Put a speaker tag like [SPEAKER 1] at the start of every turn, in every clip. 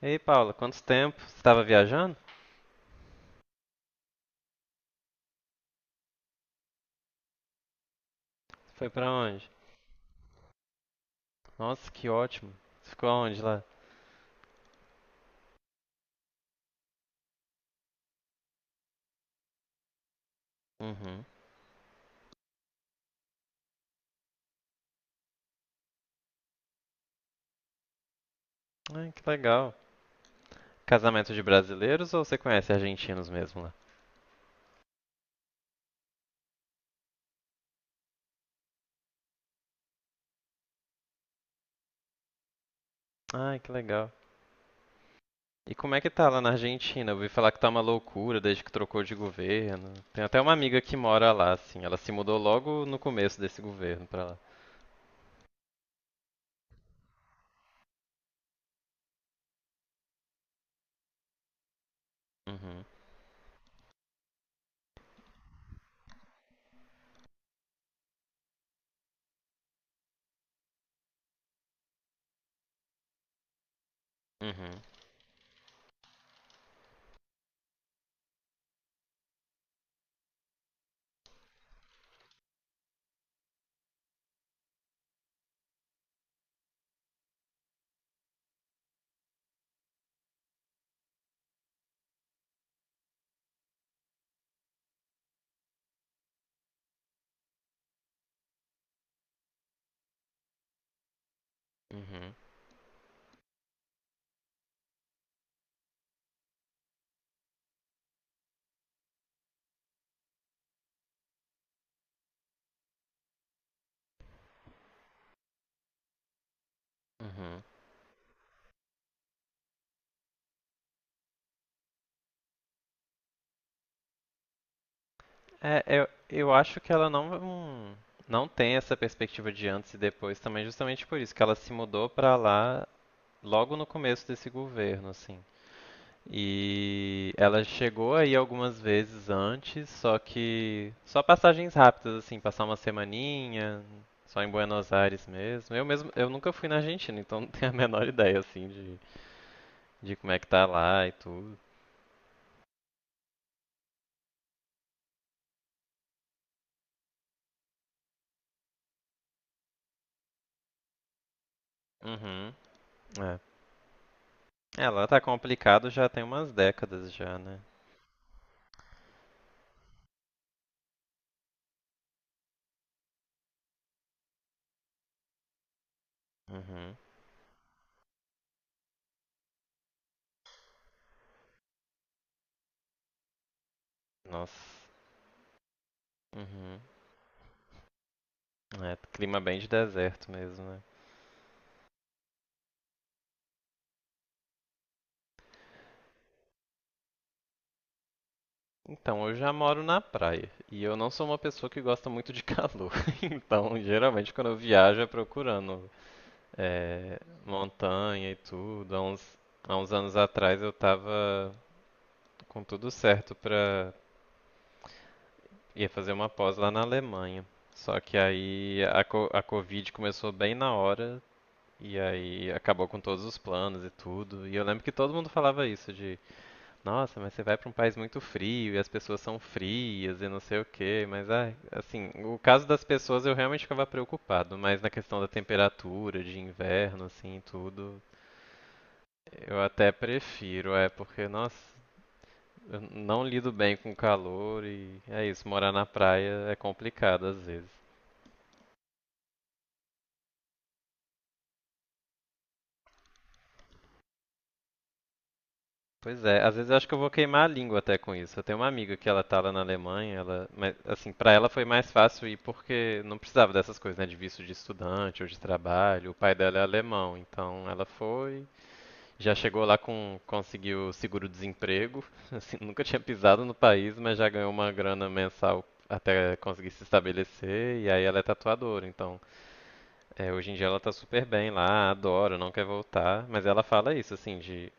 [SPEAKER 1] Ei, Paula, quanto tempo? Você estava viajando? Foi pra onde? Nossa, que ótimo. Você ficou onde lá? Uhum. Ai, que legal. Casamento de brasileiros ou você conhece argentinos mesmo lá? Ai, que legal. E como é que tá lá na Argentina? Eu ouvi falar que tá uma loucura desde que trocou de governo. Tem até uma amiga que mora lá, assim. Ela se mudou logo no começo desse governo pra lá. Uhum, uhum, uhum, uhum. É, eu acho que ela não tem essa perspectiva de antes e depois também, justamente por isso, que ela se mudou pra lá logo no começo desse governo, assim. E ela chegou aí algumas vezes antes, só que só passagens rápidas, assim, passar uma semaninha, só em Buenos Aires mesmo. Eu mesmo, eu nunca fui na Argentina, então não tenho a menor ideia, assim, de como é que tá lá e tudo. Uhum, é. Ela tá complicado já tem umas décadas já, né? Uhum. Nossa. Uhum. É, clima bem de deserto mesmo, né? Então, eu já moro na praia. E eu não sou uma pessoa que gosta muito de calor. Então, geralmente, quando eu viajo, é procurando é, montanha e tudo. Há uns anos atrás, eu tava com tudo certo pra ir fazer uma pós lá na Alemanha. Só que aí a Covid começou bem na hora. E aí acabou com todos os planos e tudo. E eu lembro que todo mundo falava isso, de nossa, mas você vai para um país muito frio e as pessoas são frias e não sei o quê, mas ai, assim, o caso das pessoas eu realmente ficava preocupado, mas na questão da temperatura, de inverno, assim, e tudo, eu até prefiro, é porque, nossa, eu não lido bem com calor e é isso, morar na praia é complicado às vezes. Pois é, às vezes eu acho que eu vou queimar a língua até com isso. Eu tenho uma amiga que ela tá lá na Alemanha, ela, mas assim, para ela foi mais fácil ir porque não precisava dessas coisas, né, de visto de estudante ou de trabalho. O pai dela é alemão, então ela foi, já chegou lá com conseguiu seguro-desemprego, assim, nunca tinha pisado no país, mas já ganhou uma grana mensal até conseguir se estabelecer, e aí ela é tatuadora, então é, hoje em dia ela tá super bem lá, adora, não quer voltar, mas ela fala isso, assim, de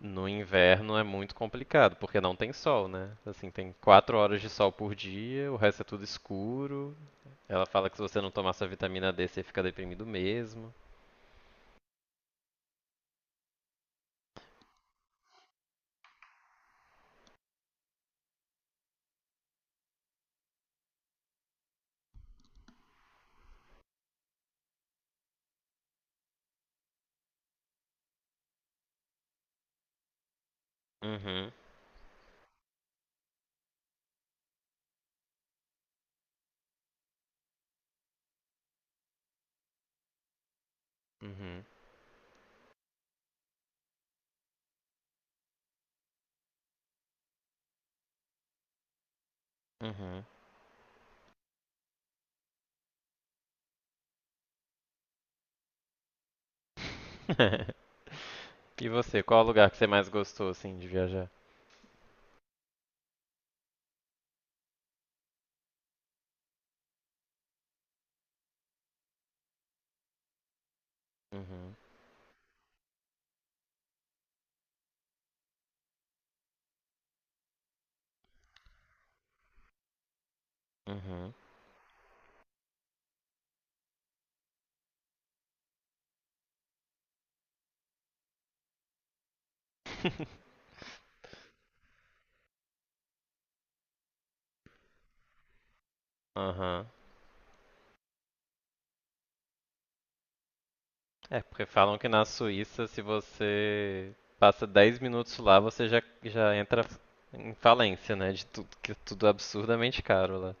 [SPEAKER 1] no inverno é muito complicado, porque não tem sol, né? Assim, tem quatro horas de sol por dia, o resto é tudo escuro. Ela fala que se você não tomar sua vitamina D, você fica deprimido mesmo. Uhum, uhum, uhum. E você, qual o lugar que você mais gostou, assim, de viajar? Uhum, uhum. Aham. É, porque falam que na Suíça, se você passa 10 minutos lá, você já entra em falência, né? De tudo, que é tudo absurdamente caro lá.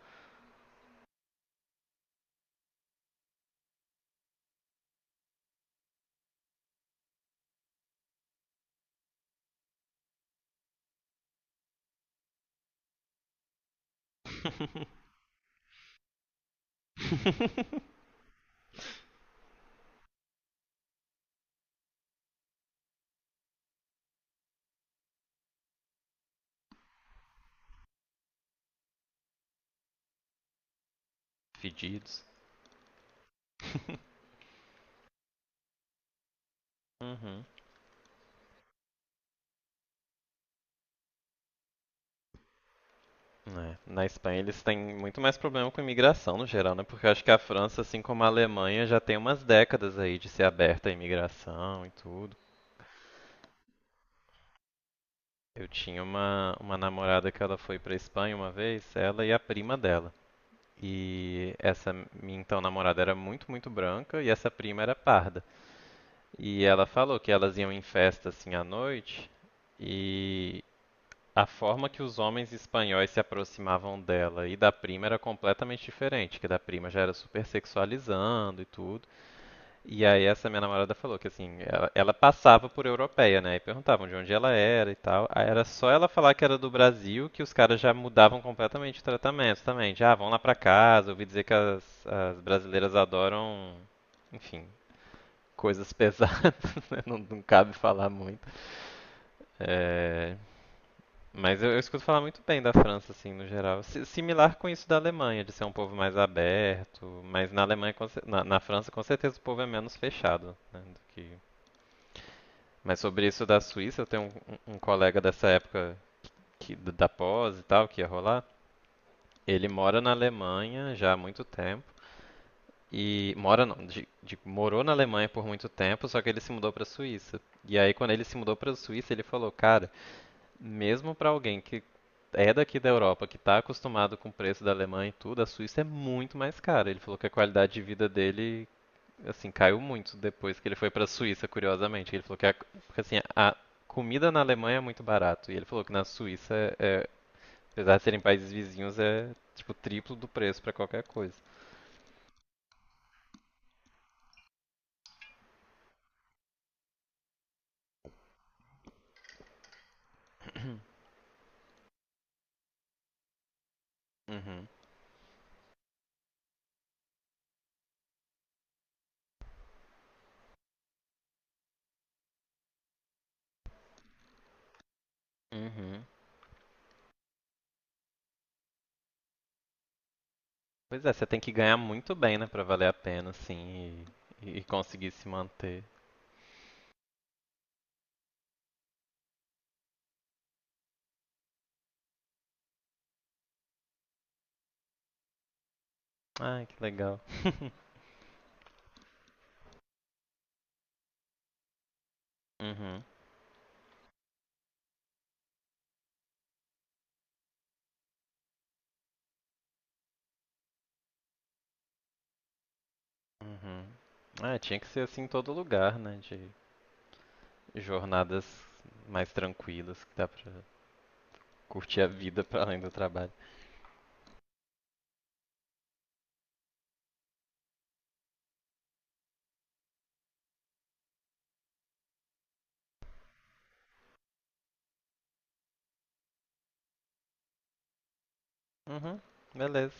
[SPEAKER 1] Fedidos. Uhum. É, na Espanha eles têm muito mais problema com imigração no geral, né? Porque eu acho que a França, assim como a Alemanha, já tem umas décadas aí de ser aberta à imigração e tudo. Eu tinha uma namorada que ela foi pra Espanha uma vez, ela e a prima dela. E essa minha então namorada era muito branca e essa prima era parda. E ela falou que elas iam em festa assim à noite e a forma que os homens espanhóis se aproximavam dela e da prima era completamente diferente, que da prima já era super sexualizando e tudo. E aí essa minha namorada falou que assim, ela passava por europeia, né? E perguntavam de onde ela era e tal. Aí era só ela falar que era do Brasil que os caras já mudavam completamente o tratamento também. Já, ah, vão lá pra casa, ouvi dizer que as brasileiras adoram, enfim, coisas pesadas, né? Não cabe falar muito. É, mas eu escuto falar muito bem da França, assim, no geral. Similar com isso da Alemanha, de ser um povo mais aberto. Mas na Alemanha, na França, com certeza o povo é menos fechado, né, do que... Mas sobre isso da Suíça, eu tenho um colega dessa época que, da pós e tal, que ia rolar. Ele mora na Alemanha já há muito tempo. E mora não, morou na Alemanha por muito tempo, só que ele se mudou para a Suíça. E aí quando ele se mudou para a Suíça, ele falou, cara, mesmo para alguém que é daqui da Europa, que está acostumado com o preço da Alemanha e tudo, a Suíça é muito mais cara. Ele falou que a qualidade de vida dele, assim, caiu muito depois que ele foi para a Suíça, curiosamente. Ele falou porque, assim, a comida na Alemanha é muito barato. E ele falou que na Suíça, é, apesar de serem países vizinhos, é tipo triplo do preço para qualquer coisa. Uhum. Uhum. Pois é, você tem que ganhar muito bem, né, para valer a pena, assim, e conseguir se manter. Ai, que legal. Uhum. Uhum. Ah, tinha que ser assim em todo lugar, né? De jornadas mais tranquilas, que dá pra curtir a vida pra além do trabalho. Uhum. Beleza.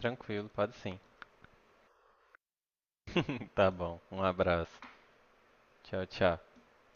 [SPEAKER 1] Tranquilo, pode sim. Tá bom. Um abraço. Tchau, tchau.